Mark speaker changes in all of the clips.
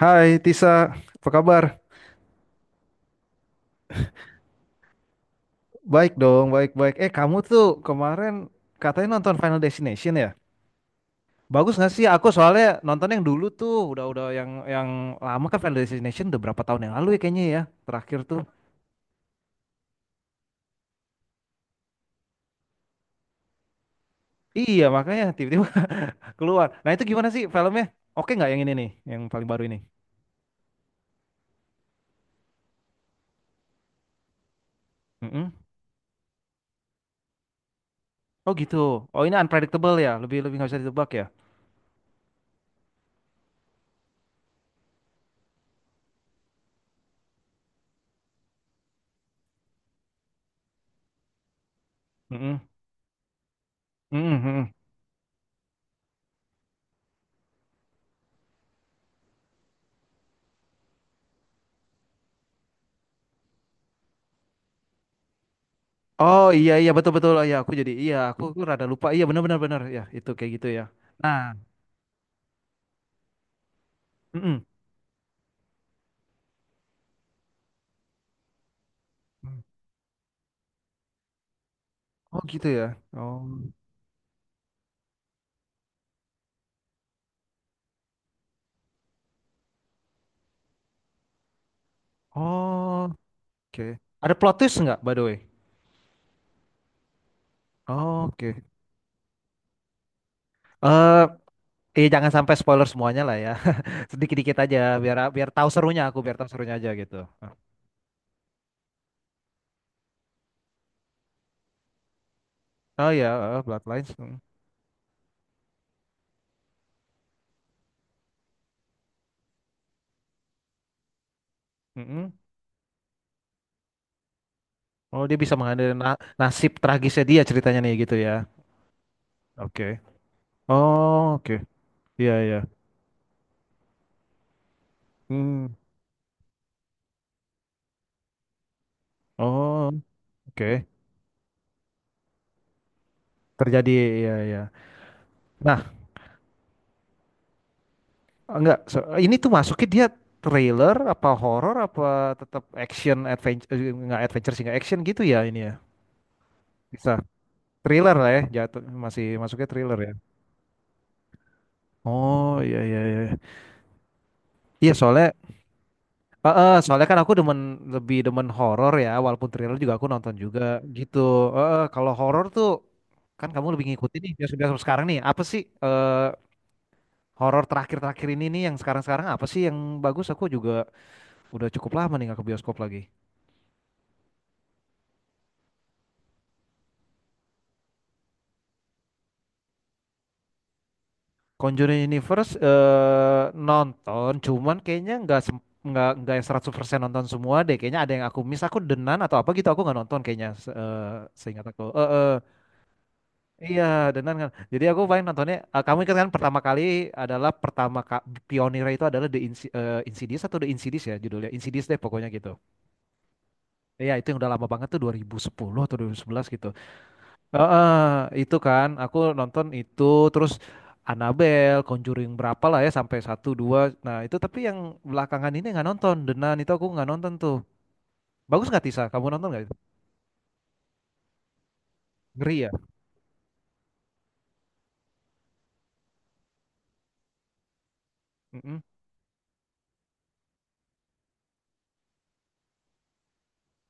Speaker 1: Hai Tisa, apa kabar? Baik dong, baik-baik. Eh kamu tuh kemarin katanya nonton Final Destination ya? Bagus nggak sih? Aku soalnya nonton yang dulu tuh, udah-udah yang lama kan Final Destination udah berapa tahun yang lalu ya kayaknya ya, terakhir tuh. Iya makanya tiba-tiba keluar. Nah itu gimana sih filmnya? Oke nggak yang ini nih, yang paling baru ini? Mm-mm. Oh gitu. Oh ini unpredictable ya, lebih lebih nggak bisa ditebak ya. Mm-mm. Mm-mm, mm-mm. Oh, iya, iya, betul, betul, oh, ya aku jadi iya, aku rada lupa, iya benar, benar, benar, ya itu kayak gitu ya. Nah, mm-mm. Oh gitu ya. Oh, oh, oke. Ada plot twist nggak by the way? Oh, oke. Eh iya jangan sampai spoiler semuanya lah ya. Sedikit dikit aja biar biar tahu serunya aku biar tahu serunya aja gitu. Oh ya Bloodlines. Mm. Mm-mm. Oh dia bisa mengambil nasib tragisnya dia ceritanya nih gitu ya. Oke. Oh oke. Iya, iya. Hmm. Oh oke. Terjadi, ya, ya. Nah, enggak, ini tuh masuknya dia trailer, apa horor apa tetap action, adventure, enggak adventure sih, enggak action gitu ya ini ya. Bisa. Thriller lah ya, jatuh, masih masuknya thriller ya. Oh, iya, iya, iya. Iya, soalnya, soalnya kan aku demen, lebih demen horor ya, walaupun thriller juga aku nonton juga gitu. Kalau horor tuh, kan kamu lebih ngikutin nih, biasa-biasa sekarang nih, apa sih. Horor terakhir-terakhir ini nih yang sekarang-sekarang apa sih yang bagus? Aku juga udah cukup lama nih nggak ke bioskop lagi. Conjuring Universe, nonton, cuman kayaknya nggak nggak yang 100% nonton semua deh. Kayaknya ada yang aku miss, aku denan atau apa gitu aku nggak nonton kayaknya seingat aku. Iya, denan kan. Jadi aku paling nontonnya, kamu ingat kan pertama kali adalah pertama ka, pionirnya itu adalah The Insidious atau The Insidious ya judulnya. Insidious deh pokoknya gitu. Iya, itu yang udah lama banget tuh 2010 atau 2011 gitu. Heeh, itu kan aku nonton itu terus Annabelle, Conjuring berapa lah ya sampai satu dua. Nah itu tapi yang belakangan ini nggak nonton. The Nun itu aku nggak nonton tuh. Bagus nggak Tisa? Kamu nonton nggak itu? Ngeri ya? Mm-mm.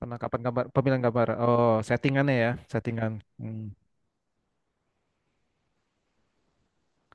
Speaker 1: Penangkapan gambar, pemilihan gambar. Oh settingannya ya, settingan. Hmm.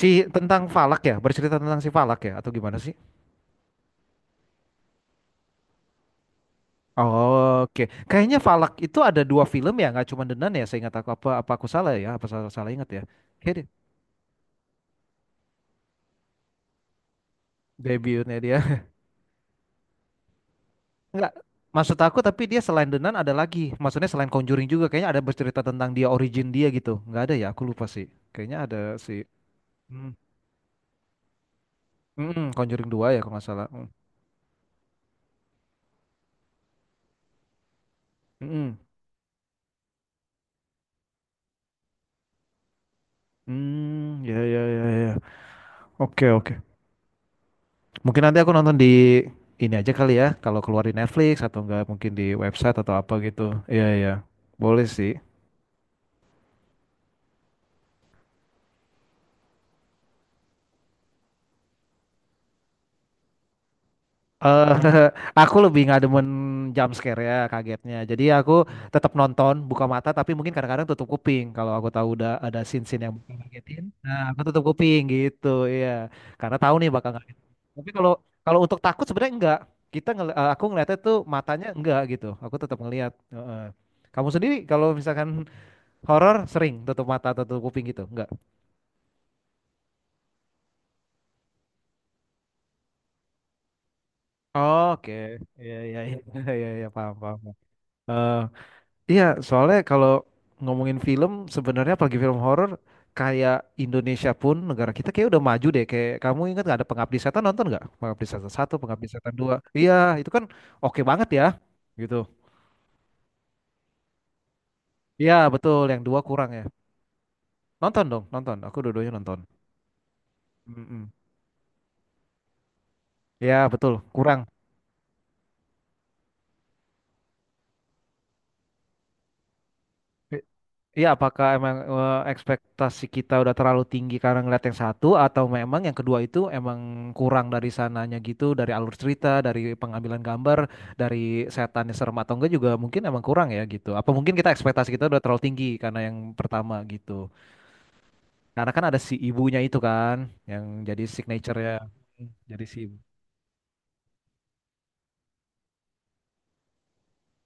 Speaker 1: Si tentang Falak ya, bercerita tentang si Falak ya atau gimana sih? Oke, kayaknya Falak itu ada dua film ya, nggak cuma The Nun ya. Saya ingat, aku apa apa, aku salah ya? Apa salah, salah ingat ya? Iya deh, debutnya dia. Enggak, maksud aku tapi dia selain The Nun ada lagi. Maksudnya selain Conjuring juga kayaknya ada bercerita tentang dia origin dia gitu. Enggak ada ya, aku lupa sih. Kayaknya ada si hmm. Mm-mm, Conjuring 2 ya kalau nggak salah. Hmm. Mm-mm. Hmm, ya, ya, ya, ya. Oke, oke. Mungkin nanti aku nonton di ini aja kali ya, kalau keluar di Netflix atau enggak mungkin di website atau apa gitu. Iya, iya. Boleh sih. Eee, aku lebih nggak demen jump scare ya kagetnya. Jadi aku tetap nonton, buka mata tapi mungkin kadang-kadang tutup kuping kalau aku tahu udah ada scene-scene yang bakal ngagetin, nah aku tutup kuping gitu, iya. Karena tahu nih bakal ngagetin. Tapi kalau kalau untuk takut sebenarnya enggak. Aku ngeliatnya tuh matanya enggak gitu, aku tetap ngeliat. Heeh. Kamu sendiri kalau misalkan horor sering tutup mata, atau tutup kuping gitu? Enggak? Oke, iya, iya, iya, iya, iya, paham, paham. Iya, soalnya kalau ngomongin film sebenarnya apalagi film horor kayak Indonesia pun negara kita kayak udah maju deh. Kayak kamu ingat nggak ada Pengabdi Setan, nonton nggak? Pengabdi Setan satu, Pengabdi Setan dua. Iya, itu kan oke banget ya, gitu. Iya betul, yang dua kurang ya. Nonton dong, nonton. Aku dua-duanya nonton. Mm-mm. Iya betul, kurang. Iya, apakah emang, ekspektasi kita udah terlalu tinggi karena ngeliat yang satu atau memang yang kedua itu emang kurang dari sananya gitu, dari alur cerita, dari pengambilan gambar, dari setannya serem atau enggak juga mungkin emang kurang ya gitu. Apa mungkin ekspektasi kita udah terlalu tinggi karena yang pertama gitu. Karena kan ada si ibunya itu kan yang jadi signature ya. Jadi si ibu.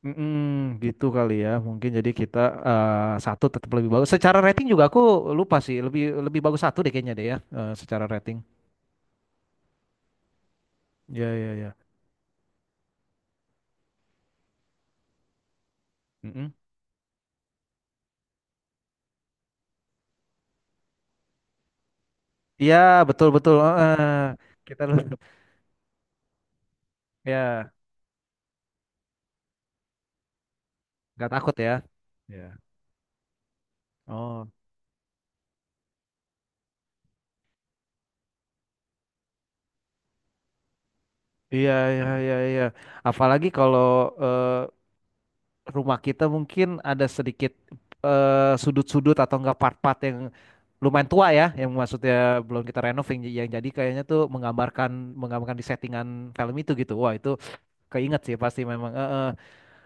Speaker 1: Mm-mm, gitu kali ya. Mungkin jadi kita, satu tetap lebih bagus. Secara rating juga aku lupa sih, lebih lebih bagus satu deh kayaknya deh ya, secara rating. Ya, ya, ya. Mm-mm. Iya, betul betul. Heeh. kita lu ya nggak takut ya. Ya. Oh, iya, iya, iya, iya. Apalagi kalau, eh, rumah kita mungkin ada sedikit, sudut-sudut atau enggak part-part yang lumayan tua ya, yang maksudnya belum kita renov yang, jadi kayaknya tuh menggambarkan menggambarkan di settingan film itu gitu. Wah, itu keinget sih pasti memang. Eh.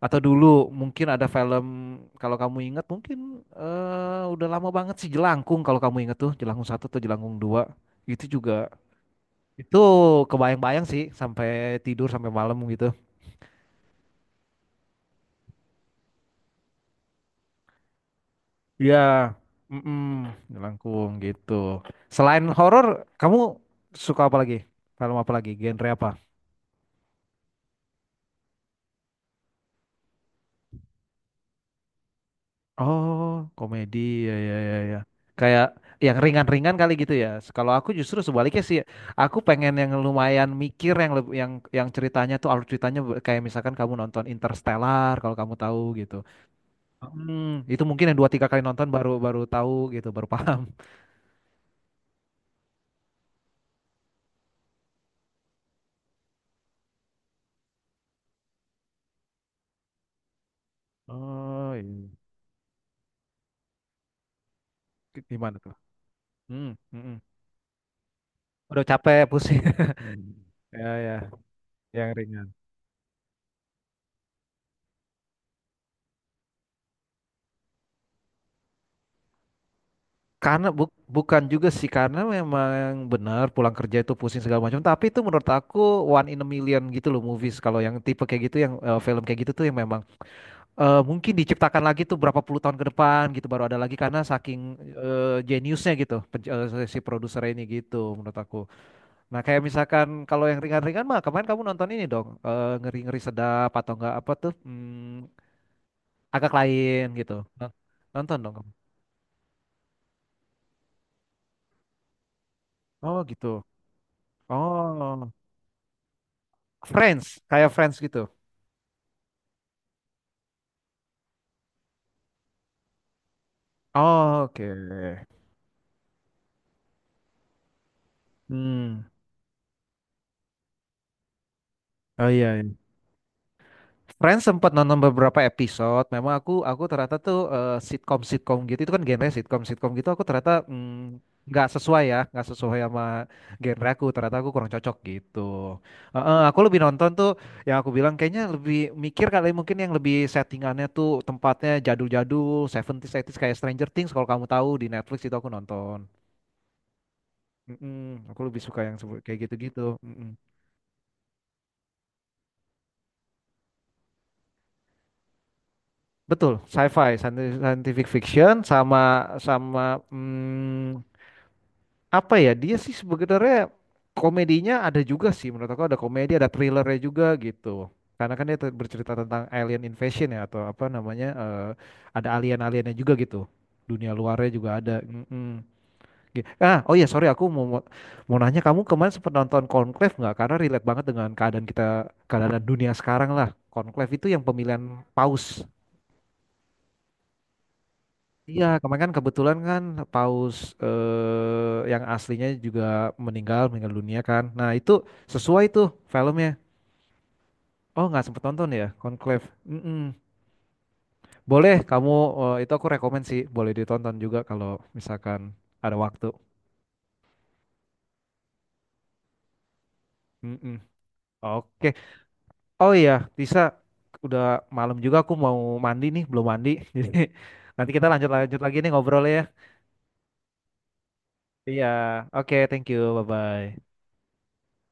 Speaker 1: Atau dulu mungkin ada film kalau kamu ingat mungkin, udah lama banget sih Jelangkung kalau kamu ingat tuh Jelangkung satu atau Jelangkung dua itu juga itu kebayang-bayang sih sampai tidur sampai malam gitu. Iya, mm Jelangkung gitu. Selain horor, kamu suka apa lagi? Film apa lagi? Genre apa? Oh, komedi, ya, ya, ya, ya. Kayak yang ringan-ringan kali gitu ya. Kalau aku justru sebaliknya sih, aku pengen yang lumayan mikir yang leb- yang ceritanya tuh alur ceritanya kayak misalkan kamu nonton Interstellar kalau kamu tahu gitu. Hmm, itu mungkin yang dua tiga kali nonton baru baru tahu gitu, baru paham. Oh, iya. Gimana tuh? Hmm, mm-mm. Udah capek pusing. Ya, ya, yang ringan. Karena bukan juga sih karena memang benar pulang kerja itu pusing segala macam tapi itu menurut aku one in a million gitu loh movies kalau yang tipe kayak gitu yang, film kayak gitu tuh yang memang, mungkin diciptakan lagi tuh berapa puluh tahun ke depan gitu baru ada lagi karena saking, jeniusnya gitu si produser ini gitu menurut aku. Nah kayak misalkan kalau yang ringan-ringan mah kemarin kamu nonton ini dong, ngeri-ngeri sedap atau enggak apa tuh, agak lain gitu. Nonton dong kamu. Oh gitu. Oh. Friends, kayak Friends gitu. Oh, oke. Hmm. Oh iya, iya. Friends sempat nonton beberapa episode. Memang aku ternyata tuh, sitkom-sitkom gitu itu kan genre sitkom-sitkom gitu aku ternyata nggak sesuai ya, nggak sesuai sama genre aku. Ternyata aku kurang cocok gitu. Heeh, aku lebih nonton tuh yang aku bilang kayaknya lebih mikir kali mungkin yang lebih settingannya tuh tempatnya jadul-jadul, 70s, 80s kayak Stranger Things kalau kamu tahu di Netflix itu aku nonton. Mm-mm, aku lebih suka yang kayak gitu-gitu. Betul, sci-fi, scientific fiction sama sama hmm, apa ya? Dia sih sebenarnya komedinya ada juga sih menurut aku ada komedi, ada thrillernya juga gitu. Karena kan dia bercerita tentang alien invasion ya atau apa namanya, ada alien-aliennya juga gitu. Dunia luarnya juga ada. Mm-mm. Oh iya sorry, aku mau mau mau nanya kamu kemarin sempat nonton Conclave nggak? Karena relate banget dengan keadaan dunia sekarang lah. Conclave itu yang pemilihan paus. Iya, kemarin kan kebetulan kan paus, yang aslinya juga meninggal dunia kan. Nah, itu sesuai tuh filmnya. Oh, nggak sempet nonton ya, Conclave. Mm-mm. Boleh, kamu, itu aku rekomen sih, boleh ditonton juga kalau misalkan ada waktu. Mm-mm. Oke. Oh iya, Tisa, udah malam juga aku mau mandi nih, belum mandi. Jadi nanti kita lanjut lanjut lagi nih ngobrolnya ya. Iya. Oke, thank you. Bye bye.